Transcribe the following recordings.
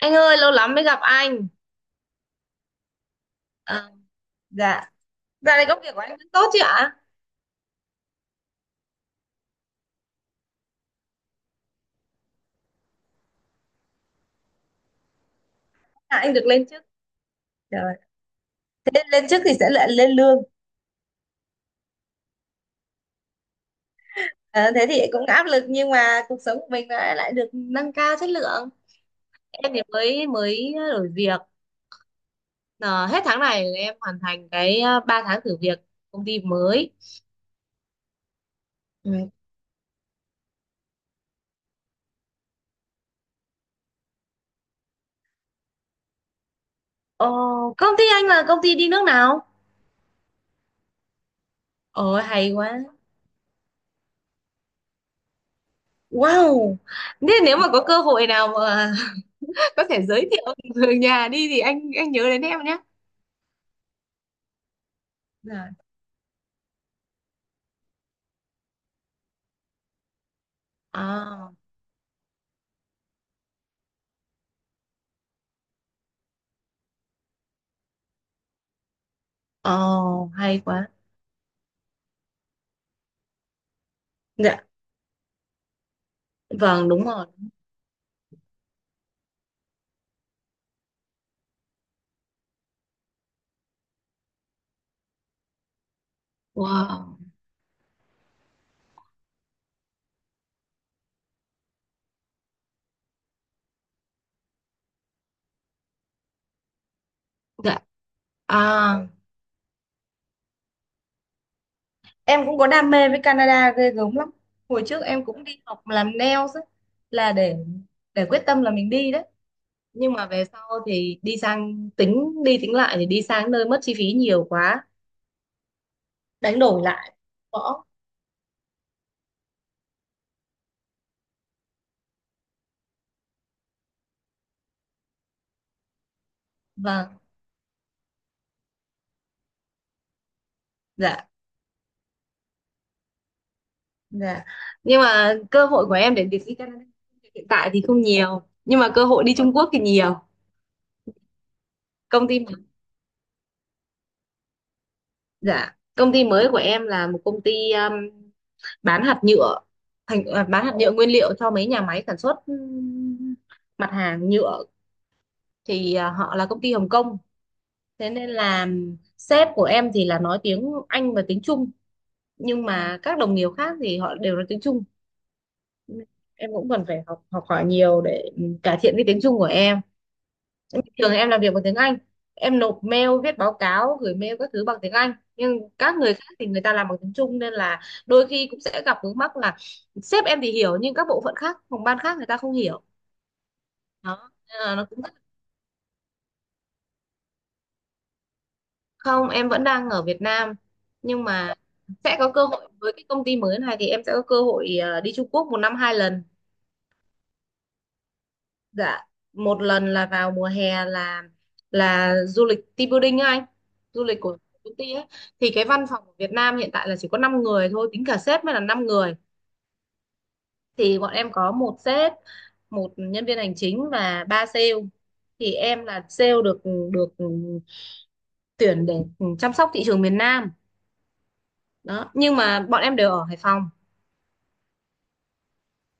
Anh ơi, lâu lắm mới gặp anh. À, dạ. Dạo này công việc của anh vẫn tốt chứ ạ? À, anh được lên chức. Trời, lên lên chức thì sẽ lại lên lương. À, thế thì cũng áp lực nhưng mà cuộc sống của mình lại lại được nâng cao chất lượng. Em thì mới mới đổi việc. Ờ, hết tháng này em hoàn thành cái 3 tháng thử việc công ty mới. Ừ. Ờ, công ty anh là công ty đi nước nào? Ôi hay quá. Wow. Nên nếu mà có cơ hội nào mà có thể giới thiệu người nhà đi thì anh nhớ đến em. Dạ. À, oh, hay quá. Dạ, vâng, đúng rồi. Wow. Dạ. À, em cũng có đam mê với Canada ghê gớm lắm. Hồi trước em cũng đi học làm nails ấy, là để quyết tâm là mình đi đấy. Nhưng mà về sau thì đi sang, tính đi tính lại thì đi sang nơi mất chi phí nhiều quá, đánh đổi lại bỏ. Vâng, dạ, dạ. Nhưng mà cơ hội của em để việc đi Canada hiện tại thì không nhiều, nhưng mà cơ hội đi Trung Quốc thì nhiều. Công ty. Dạ, công ty mới của em là một công ty bán hạt nhựa, bán hạt nhựa nguyên liệu cho mấy nhà máy sản xuất mặt hàng nhựa, thì à, họ là công ty Hồng Kông. Thế nên là sếp của em thì là nói tiếng Anh và tiếng Trung, nhưng mà các đồng nghiệp khác thì họ đều nói tiếng Trung. Em cũng cần phải học học hỏi nhiều để cải thiện cái tiếng Trung của em. Bình thường em làm việc bằng tiếng Anh, em nộp mail, viết báo cáo, gửi mail các thứ bằng tiếng Anh, nhưng các người khác thì người ta làm bằng tiếng Trung nên là đôi khi cũng sẽ gặp vướng mắc là sếp em thì hiểu nhưng các bộ phận khác, phòng ban khác người ta không hiểu. Đó nên là nó cũng rất- Không, em vẫn đang ở Việt Nam, nhưng mà sẽ có cơ hội với cái công ty mới này, thì em sẽ có cơ hội đi Trung Quốc một năm hai lần. Dạ, một lần là vào mùa hè, là du lịch team building á anh, du lịch của công ty ấy. Thì cái văn phòng của Việt Nam hiện tại là chỉ có 5 người thôi, tính cả sếp mới là 5 người. Thì bọn em có một sếp, một nhân viên hành chính và 3 sale. Thì em là sale được được tuyển để chăm sóc thị trường miền Nam. Đó, nhưng mà bọn em đều ở Hải Phòng.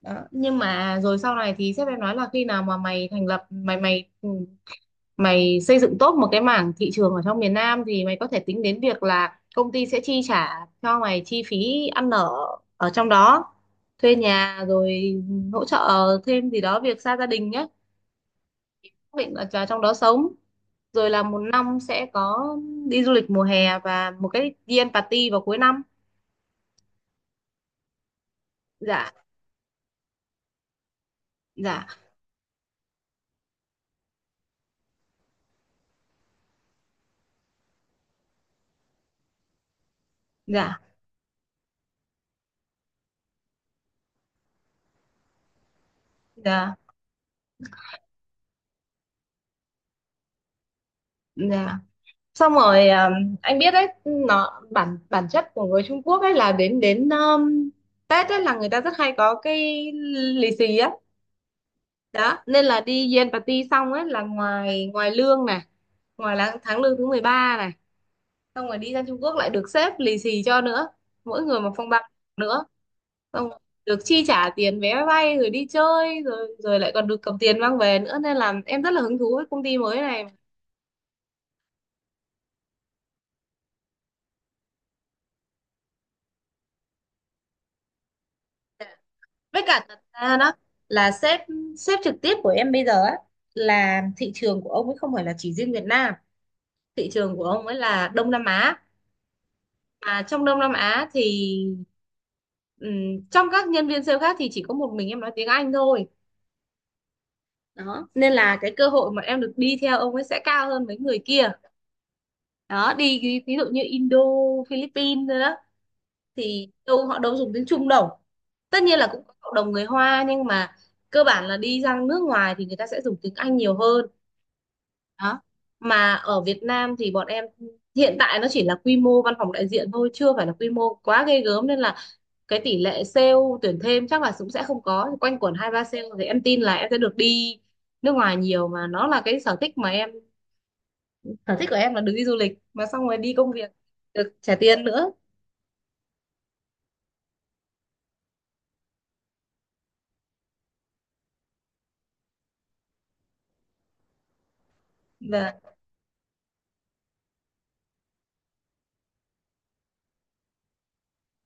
Đó, nhưng mà rồi sau này thì sếp em nói là khi nào mà mày thành lập mày mày mày xây dựng tốt một cái mảng thị trường ở trong miền Nam thì mày có thể tính đến việc là công ty sẽ chi trả cho mày chi phí ăn ở ở trong đó, thuê nhà, rồi hỗ trợ thêm gì đó việc xa gia đình nhé, xác định là vào trong đó sống, rồi là một năm sẽ có đi du lịch mùa hè và một cái đi ăn party vào cuối năm. Dạ, dạ, dạ, dạ, dạ. Xong rồi anh biết đấy nó bản bản chất của người Trung Quốc ấy là đến đến Tết ấy là người ta rất hay có cái lì xì á. Đó nên là đi Gen Party xong ấy là ngoài ngoài lương này, ngoài là tháng lương thứ 13 này, xong rồi đi ra Trung Quốc lại được sếp lì xì cho nữa, mỗi người một phong bao nữa, xong rồi được chi trả tiền vé máy bay rồi đi chơi rồi rồi lại còn được cầm tiền mang về nữa, nên là em rất là hứng thú với công ty mới này. Với cả thật ra đó là sếp sếp trực tiếp của em bây giờ á, là thị trường của ông ấy không phải là chỉ riêng Việt Nam, thị trường của ông ấy là Đông Nam Á. Mà trong Đông Nam Á thì ừm, trong các nhân viên sale khác thì chỉ có một mình em nói tiếng Anh thôi. Đó nên là cái cơ hội mà em được đi theo ông ấy sẽ cao hơn mấy người kia. Đó, đi ví dụ như Indo, Philippines nữa, thì đâu họ đâu dùng tiếng Trung đâu. Tất nhiên là cũng có cộng đồng người Hoa nhưng mà cơ bản là đi ra nước ngoài thì người ta sẽ dùng tiếng Anh nhiều hơn. Đó, mà ở Việt Nam thì bọn em hiện tại nó chỉ là quy mô văn phòng đại diện thôi, chưa phải là quy mô quá ghê gớm, nên là cái tỷ lệ sale tuyển thêm chắc là cũng sẽ không có, quanh quẩn 2 3 sale, thì em tin là em sẽ được đi nước ngoài nhiều, mà nó là cái sở thích mà em, sở thích của em là được đi du lịch mà xong rồi đi công việc được trả tiền nữa.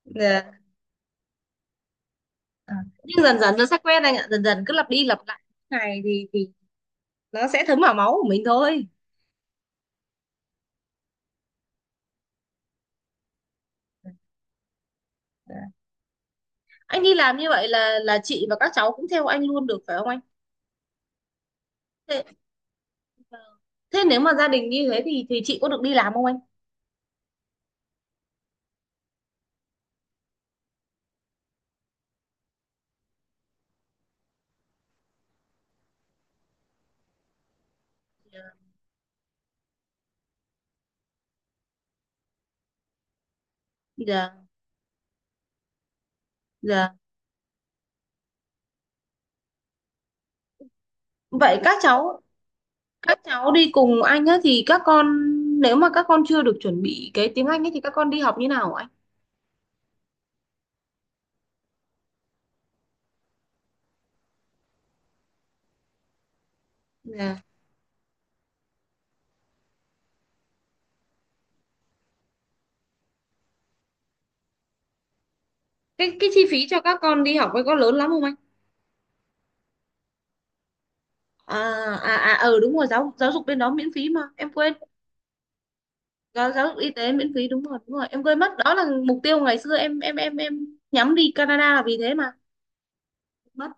Dạ. À, nhưng dần dần nó sẽ quen anh ạ, dần dần cứ lặp đi lặp lại ngày thì nó sẽ thấm vào máu của mình thôi. Dạ. Anh đi làm như vậy là chị và các cháu cũng theo anh luôn được phải không anh? Thế, ờ, thế nếu mà gia đình như thế thì chị có được đi làm không anh? Dạ, dạ. Vậy các cháu đi cùng anh á thì các con, nếu mà các con chưa được chuẩn bị cái tiếng Anh ấy thì các con đi học như nào hả anh? Dạ, cái chi phí cho các con đi học ấy có lớn lắm không anh? à, à ừ đúng rồi, giáo giáo dục bên đó miễn phí mà em quên. Giáo dục y tế miễn phí, đúng rồi, đúng rồi. Em quên mất, đó là mục tiêu ngày xưa em nhắm đi Canada là vì thế mà. Mất.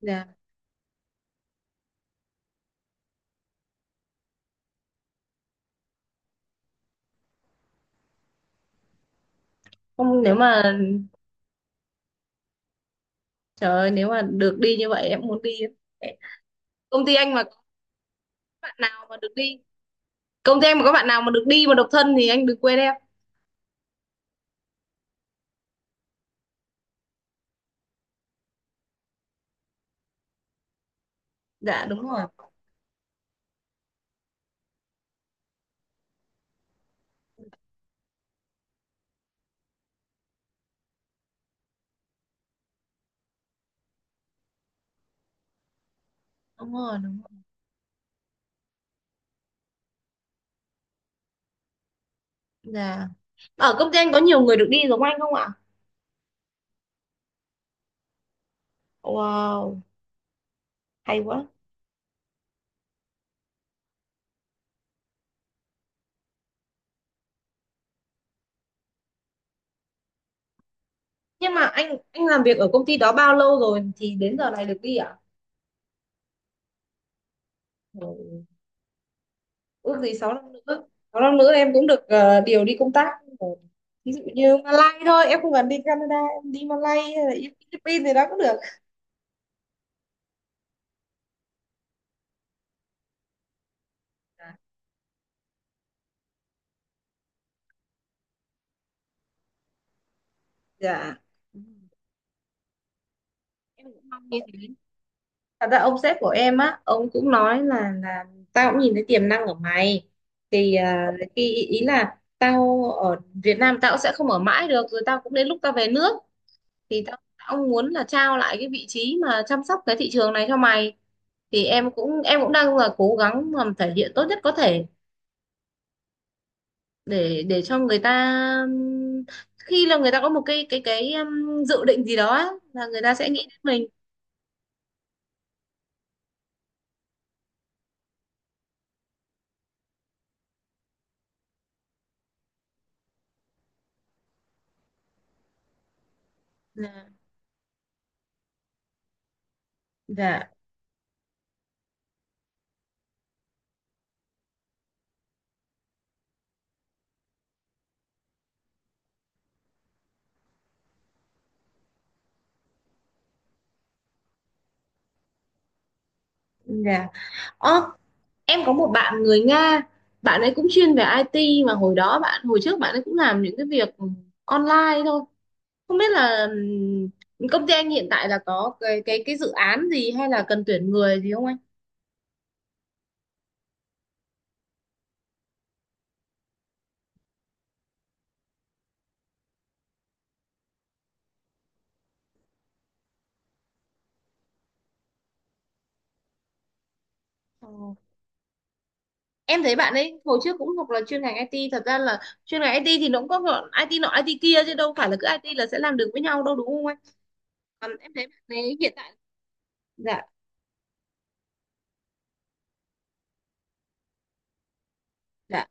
Dạ. Không, nếu mà trời ơi, nếu mà được đi như vậy em muốn đi lắm. Công ty anh mà có bạn nào mà được đi, công ty anh mà có bạn nào mà được đi mà độc thân thì anh đừng quên em. Dạ đúng rồi. Đúng rồi, đúng rồi. Dạ. Ở công ty anh có nhiều người được đi giống anh không ạ? Wow, hay quá. Nhưng mà anh làm việc ở công ty đó bao lâu rồi thì đến giờ này được đi ạ? Ừ. Ước gì 6 năm nữa, em cũng được điều đi công tác, ví dụ như Malay thôi em không cần đi Canada, em đi Malay hay là đi Philippines thì đó cũng được. Dạ, dạ. Ừ, em cũng mong như thế. Thật ra ông sếp của em á, ông cũng nói là tao cũng nhìn thấy tiềm năng ở mày, thì à, khi ý ý là tao ở Việt Nam tao cũng sẽ không ở mãi được, rồi tao cũng đến lúc tao về nước, thì tao muốn là trao lại cái vị trí mà chăm sóc cái thị trường này cho mày, thì em cũng đang là cố gắng làm thể hiện tốt nhất có thể để cho người ta ừm, khi là người ta có một cái dự định gì đó á, là người ta sẽ nghĩ đến mình. Dạ. Dạ, dạ. Ơ, em có một bạn người Nga, bạn ấy cũng chuyên về IT mà hồi đó bạn, hồi trước bạn ấy cũng làm những cái việc online thôi. Không biết là công ty anh hiện tại là có cái cái dự án gì hay là cần tuyển người gì không anh? Em thấy bạn ấy hồi trước cũng học là chuyên ngành IT, thật ra là chuyên ngành IT thì nó cũng có gọi IT nọ IT kia chứ đâu phải là cứ IT là sẽ làm được với nhau đâu đúng không anh? Còn em thấy bạn ấy hiện tại. Dạ, dạ,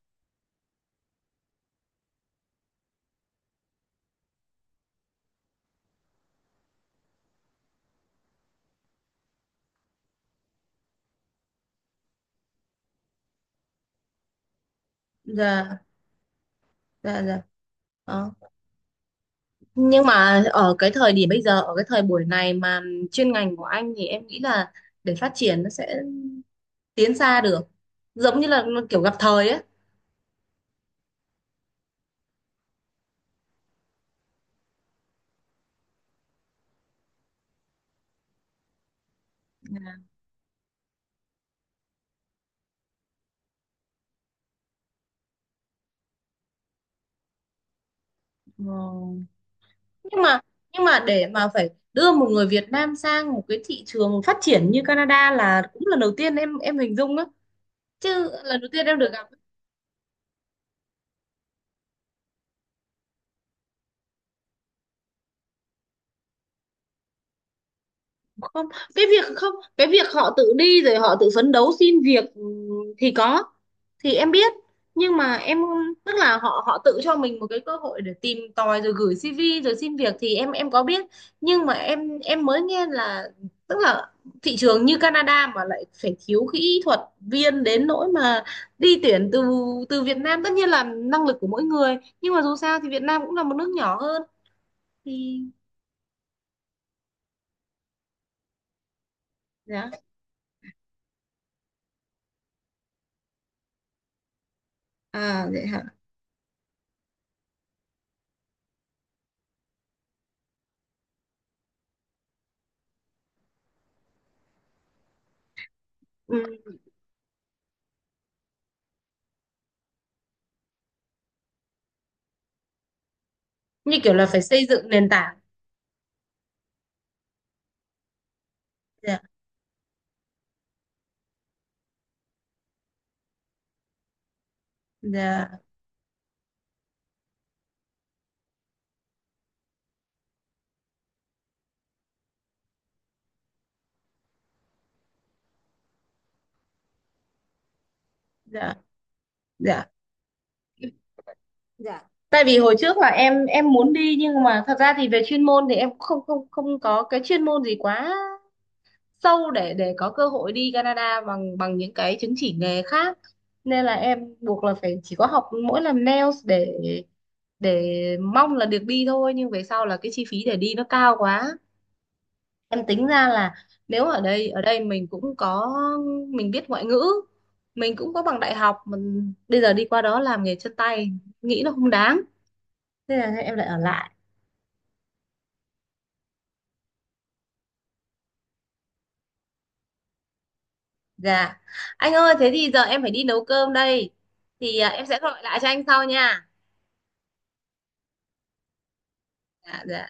dạ, dạ, dạ. Đó. Nhưng mà ở cái thời điểm bây giờ, ở cái thời buổi này mà chuyên ngành của anh thì em nghĩ là để phát triển nó sẽ tiến xa được, giống như là kiểu gặp thời ấy. Dạ. Ờ. nhưng mà nhưng mà để mà phải đưa một người Việt Nam sang một cái thị trường phát triển như Canada là cũng lần đầu tiên em hình dung đó, chứ lần đầu tiên em được gặp. Không, cái việc không, cái việc họ tự đi rồi họ tự phấn đấu xin việc ừ, thì có, thì em biết, nhưng mà em, tức là họ họ tự cho mình một cái cơ hội để tìm tòi rồi gửi CV rồi xin việc thì em có biết. Nhưng mà em mới nghe là, tức là thị trường như Canada mà lại phải thiếu kỹ thuật viên đến nỗi mà đi tuyển từ từ Việt Nam, tất nhiên là năng lực của mỗi người nhưng mà dù sao thì Việt Nam cũng là một nước nhỏ hơn thì. Dạ. À vậy hả. Ừ. Như kiểu là phải xây dựng nền tảng. Dạ, dạ, dạ, dạ, dạ. Tại vì hồi trước là em muốn đi nhưng mà thật ra thì về chuyên môn thì em cũng không không không có cái chuyên môn gì quá sâu để có cơ hội đi Canada bằng bằng những cái chứng chỉ nghề khác, nên là em buộc là phải chỉ có học mỗi làm nails để mong là được đi thôi, nhưng về sau là cái chi phí để đi nó cao quá. Em tính ra là nếu ở đây mình cũng có, mình biết ngoại ngữ, mình cũng có bằng đại học, mình bây giờ đi qua đó làm nghề chân tay nghĩ nó không đáng. Thế là em lại ở lại. Dạ. Anh ơi, thế thì giờ em phải đi nấu cơm đây. Thì à, em sẽ gọi lại cho anh sau nha. Dạ, dạ.